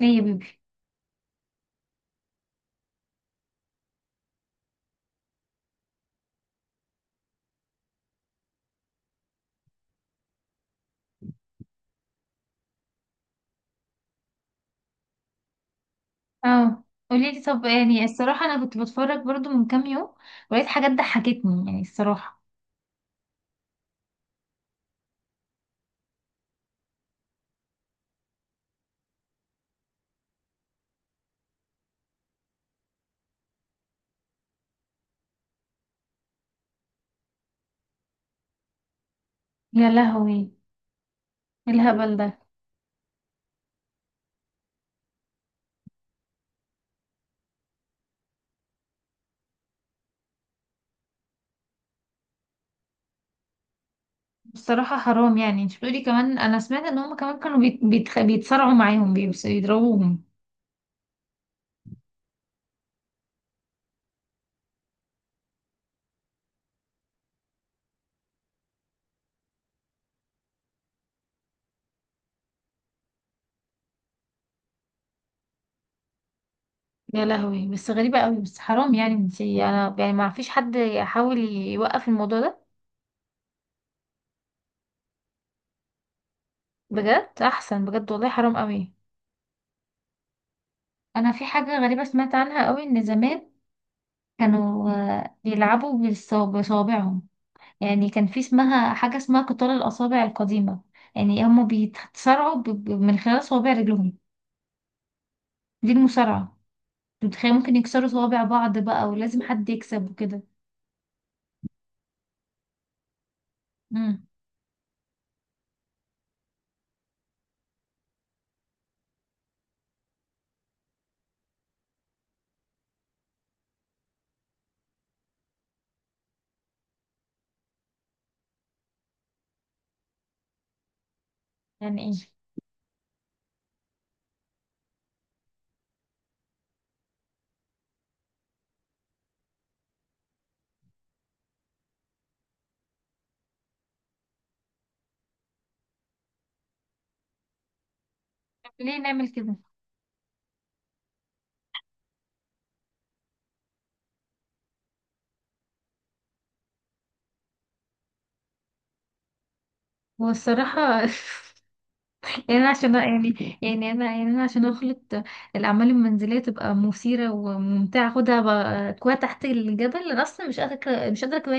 ليه يا بيبي؟ اه. قولي لي. طب يعني الصراحه انا كنت بتفرج برضو من كام يوم، ولقيت حاجات ضحكتني يعني الصراحه. يا لهوي، إيه الهبل ده! بصراحه حرام يعني، انت بتقولي كمان، انا سمعت ان هم كمان كانوا بيتصارعوا معاهم، بيضربوهم. يا لهوي، بس غريبه قوي، بس حرام يعني، انت انا يعني ما فيش حد يحاول يوقف الموضوع ده؟ بجد احسن بجد والله، حرام قوي. انا في حاجه غريبه سمعت عنها قوي، ان زمان كانوا بيلعبوا بصوابعهم. يعني كان في اسمها حاجة اسمها قتال الأصابع القديمة. يعني هم بيتصارعوا من خلال صوابع رجلهم. دي المصارعة. أنت متخيل ممكن يكسروا صوابع بعض بقى، ولازم حد يكسب وكده. امم يعني ايه؟ طب ليه نعمل كده؟ والصراحة يعني أنا عشان يعني يعني أنا يعني أنا عشان أخلط الأعمال المنزلية تبقى مثيرة وممتعة، أكواع تحت الجبل؟ أنا أصلا مش قادرة أكواها.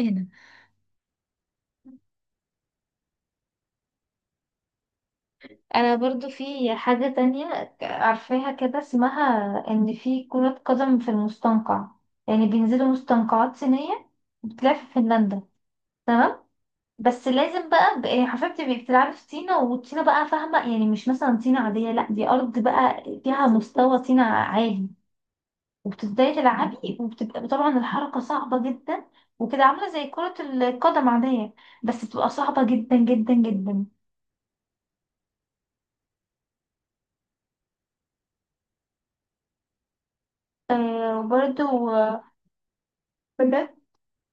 انا برضو في حاجة تانية عارفاها كده، اسمها ان في كرة قدم في المستنقع. يعني بينزلوا مستنقعات صينية، بتلعب في فنلندا. تمام، بس لازم بقى، يعني حرفيا بتبقي بتلعبي في طينة، وطينة بقى فاهمة، يعني مش مثلا طينة عادية، لا دي أرض بقى فيها مستوى طينة عالي. وبتبدأي تلعبي، وبتبقى طبعا الحركة صعبة جدا، وكده عاملة زي كرة القدم عادية، بس بتبقى صعبة جدا جدا جدا. آه وبرده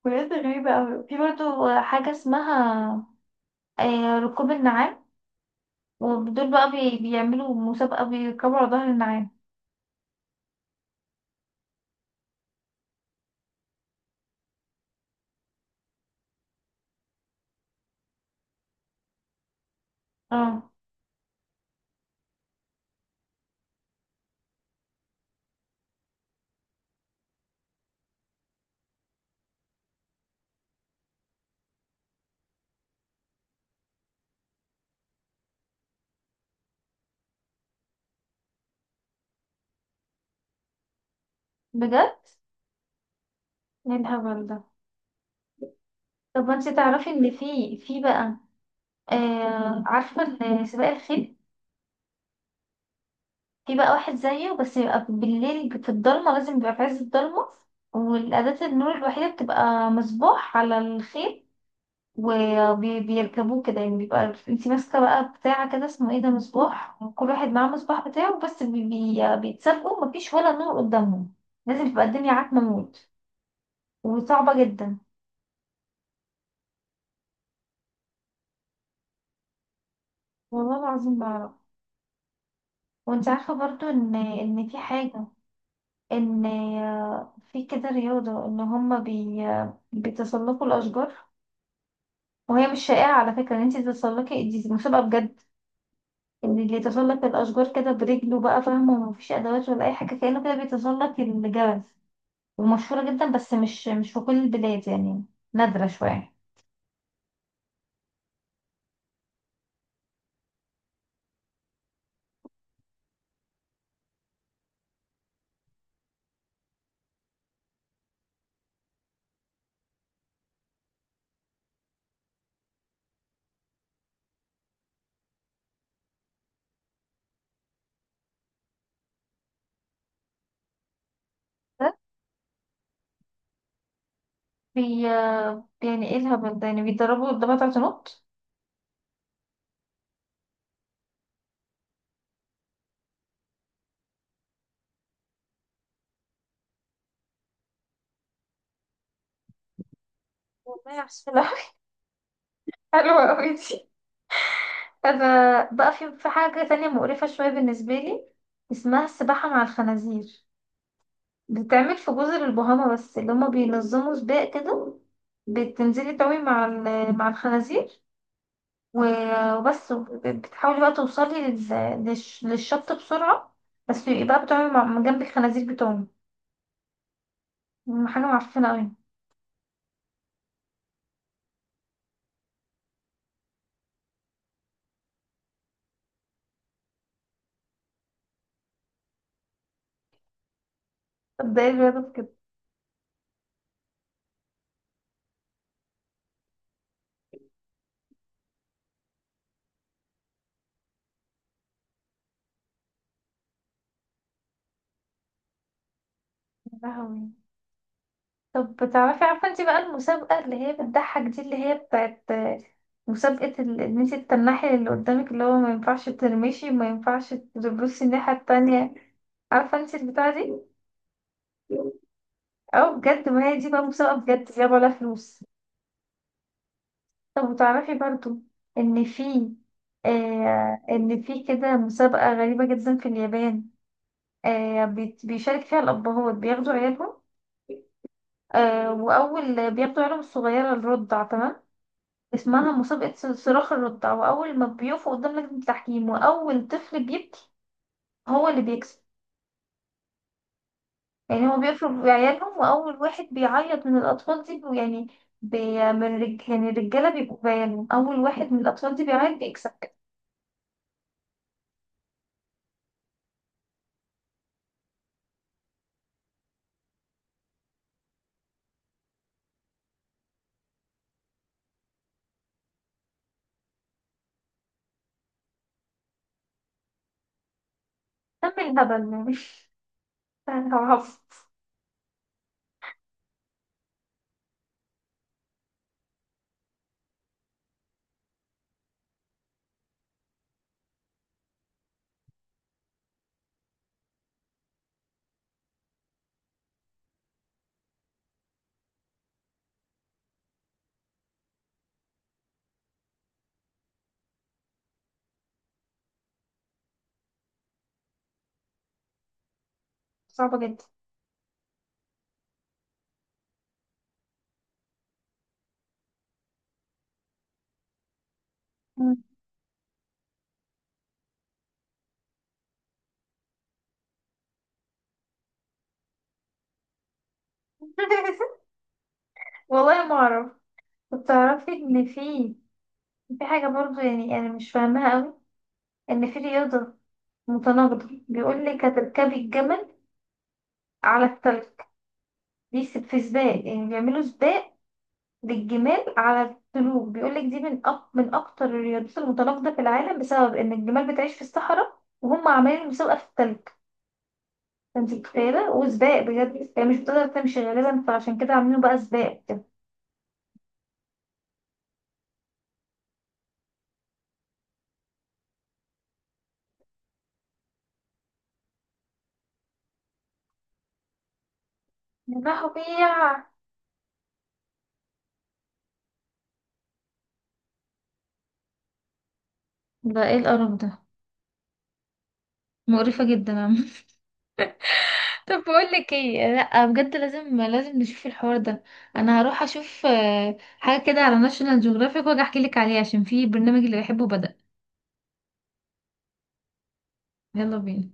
بجد غريبة أوي، في برضه حاجة اسمها ركوب النعام. ودول بقى بيعملوا مسابقة بيركبوا على ظهر النعام. اه بجد، ايه الهبل ده! طب ما انت تعرفي ان في بقى عارفة سباق الخيل؟ في بقى واحد زيه، بس يبقى بالليل في الضلمة، لازم يبقى في عز الضلمة. والأداة النور الوحيدة بتبقى مصباح على الخيل، وبيركبوه كده. يعني بيبقى انتي ماسكة بقى بتاع كده اسمه ايه ده، مصباح، وكل واحد معاه مصباح بتاعه، بس بيتسابقوا، مفيش ولا نور قدامهم. لازم تبقى الدنيا عتمة موت، وصعبة جدا. والله العظيم بعرف. وانت عارفة برضو ان في حاجة، ان في كده رياضة ان هما بيتسلقوا الأشجار. وهي مش شائعة على فكرة ان انتي تتسلقي، دي مسابقة بجد. ان اللي يتسلق الاشجار كده برجله بقى فاهمه، ومفيش ادوات ولا اي حاجه، كانه كده بيتسلق الجبل. ومشهوره جدا، بس مش في كل البلاد يعني، نادره شويه. ده بي يعني ايه الهبل ده؟ يعني بيتدربوا قدامها تلات نقط؟ والله عسولة، حلوة أوي دي. أنا بقى في حاجة تانية مقرفة شوية بالنسبة لي، اسمها السباحة مع الخنازير. بتتعمل في جزر البهاما، بس اللي هما بينظموا سباق كده. بتنزلي تعومي مع الخنازير، وبس، بتحاولي بقى توصلي للشط بسرعة. بس يبقى بقى بتقعي جنب الخنازير بتوعهم. حاجة معفنة أوي. طب ده ايه الرياضة في كده؟ يا لهوي. طب بتعرفي؟ عارفة انتي بقى المسابقة اللي هي بتضحك دي، اللي هي بتاعت مسابقة ان انتي تتنحي اللي قدامك، اللي هو ما ينفعش ترمشي، ما ينفعش تبصي الناحية التانية. عارفة انتي البتاعة دي؟ اه بجد، ما هي دي بقى مسابقة بجد بيلعبوا عليها فلوس. طب تعرفي برضو ان في، ان في كده مسابقة غريبة جدا في اليابان. بيشارك فيها الابهات، بياخدوا عيالهم. آه واول بياخدوا عيالهم الصغيرة الرضع، تمام؟ اسمها مسابقة صراخ الرضع. واول ما بيقفوا قدام لجنة التحكيم، واول طفل بيبكي هو اللي بيكسب. يعني هو بيفرض عيالهم، واول واحد بيعيط من الاطفال دي يعني بي يعني الرجالة بيبقوا بعيالهم، اول واحد من الاطفال دي بيعيط بيكسب. كمل الهبل يعني، هعرف. صعبة جدا. مم. والله ما اعرف. كنت تعرفي ان في حاجة برضه يعني انا مش فاهمها قوي، ان في رياضة متناقضة. بيقول لك هتركبي الجمل على التلج. في سباق، يعني بيعملوا سباق للجمال على التلوج. بيقول لك دي من من اكتر الرياضات المتناقضة في العالم، بسبب ان الجمال بتعيش في الصحراء، وهم عاملين مسابقة في التلج. فانت متخيلة، وسباق بجد يعني، مش بتقدر تمشي غالبا، فعشان كده عاملينه بقى سباق كده. يا، ده ايه القرف ده! مقرفة جدا يا عم. طب بقول لك ايه، لا بجد، لازم لازم نشوف الحوار ده. انا هروح اشوف حاجة كده على ناشونال جيوغرافيك، واجي احكي لك عليه، عشان في برنامج اللي بحبه بدأ. يلا بينا.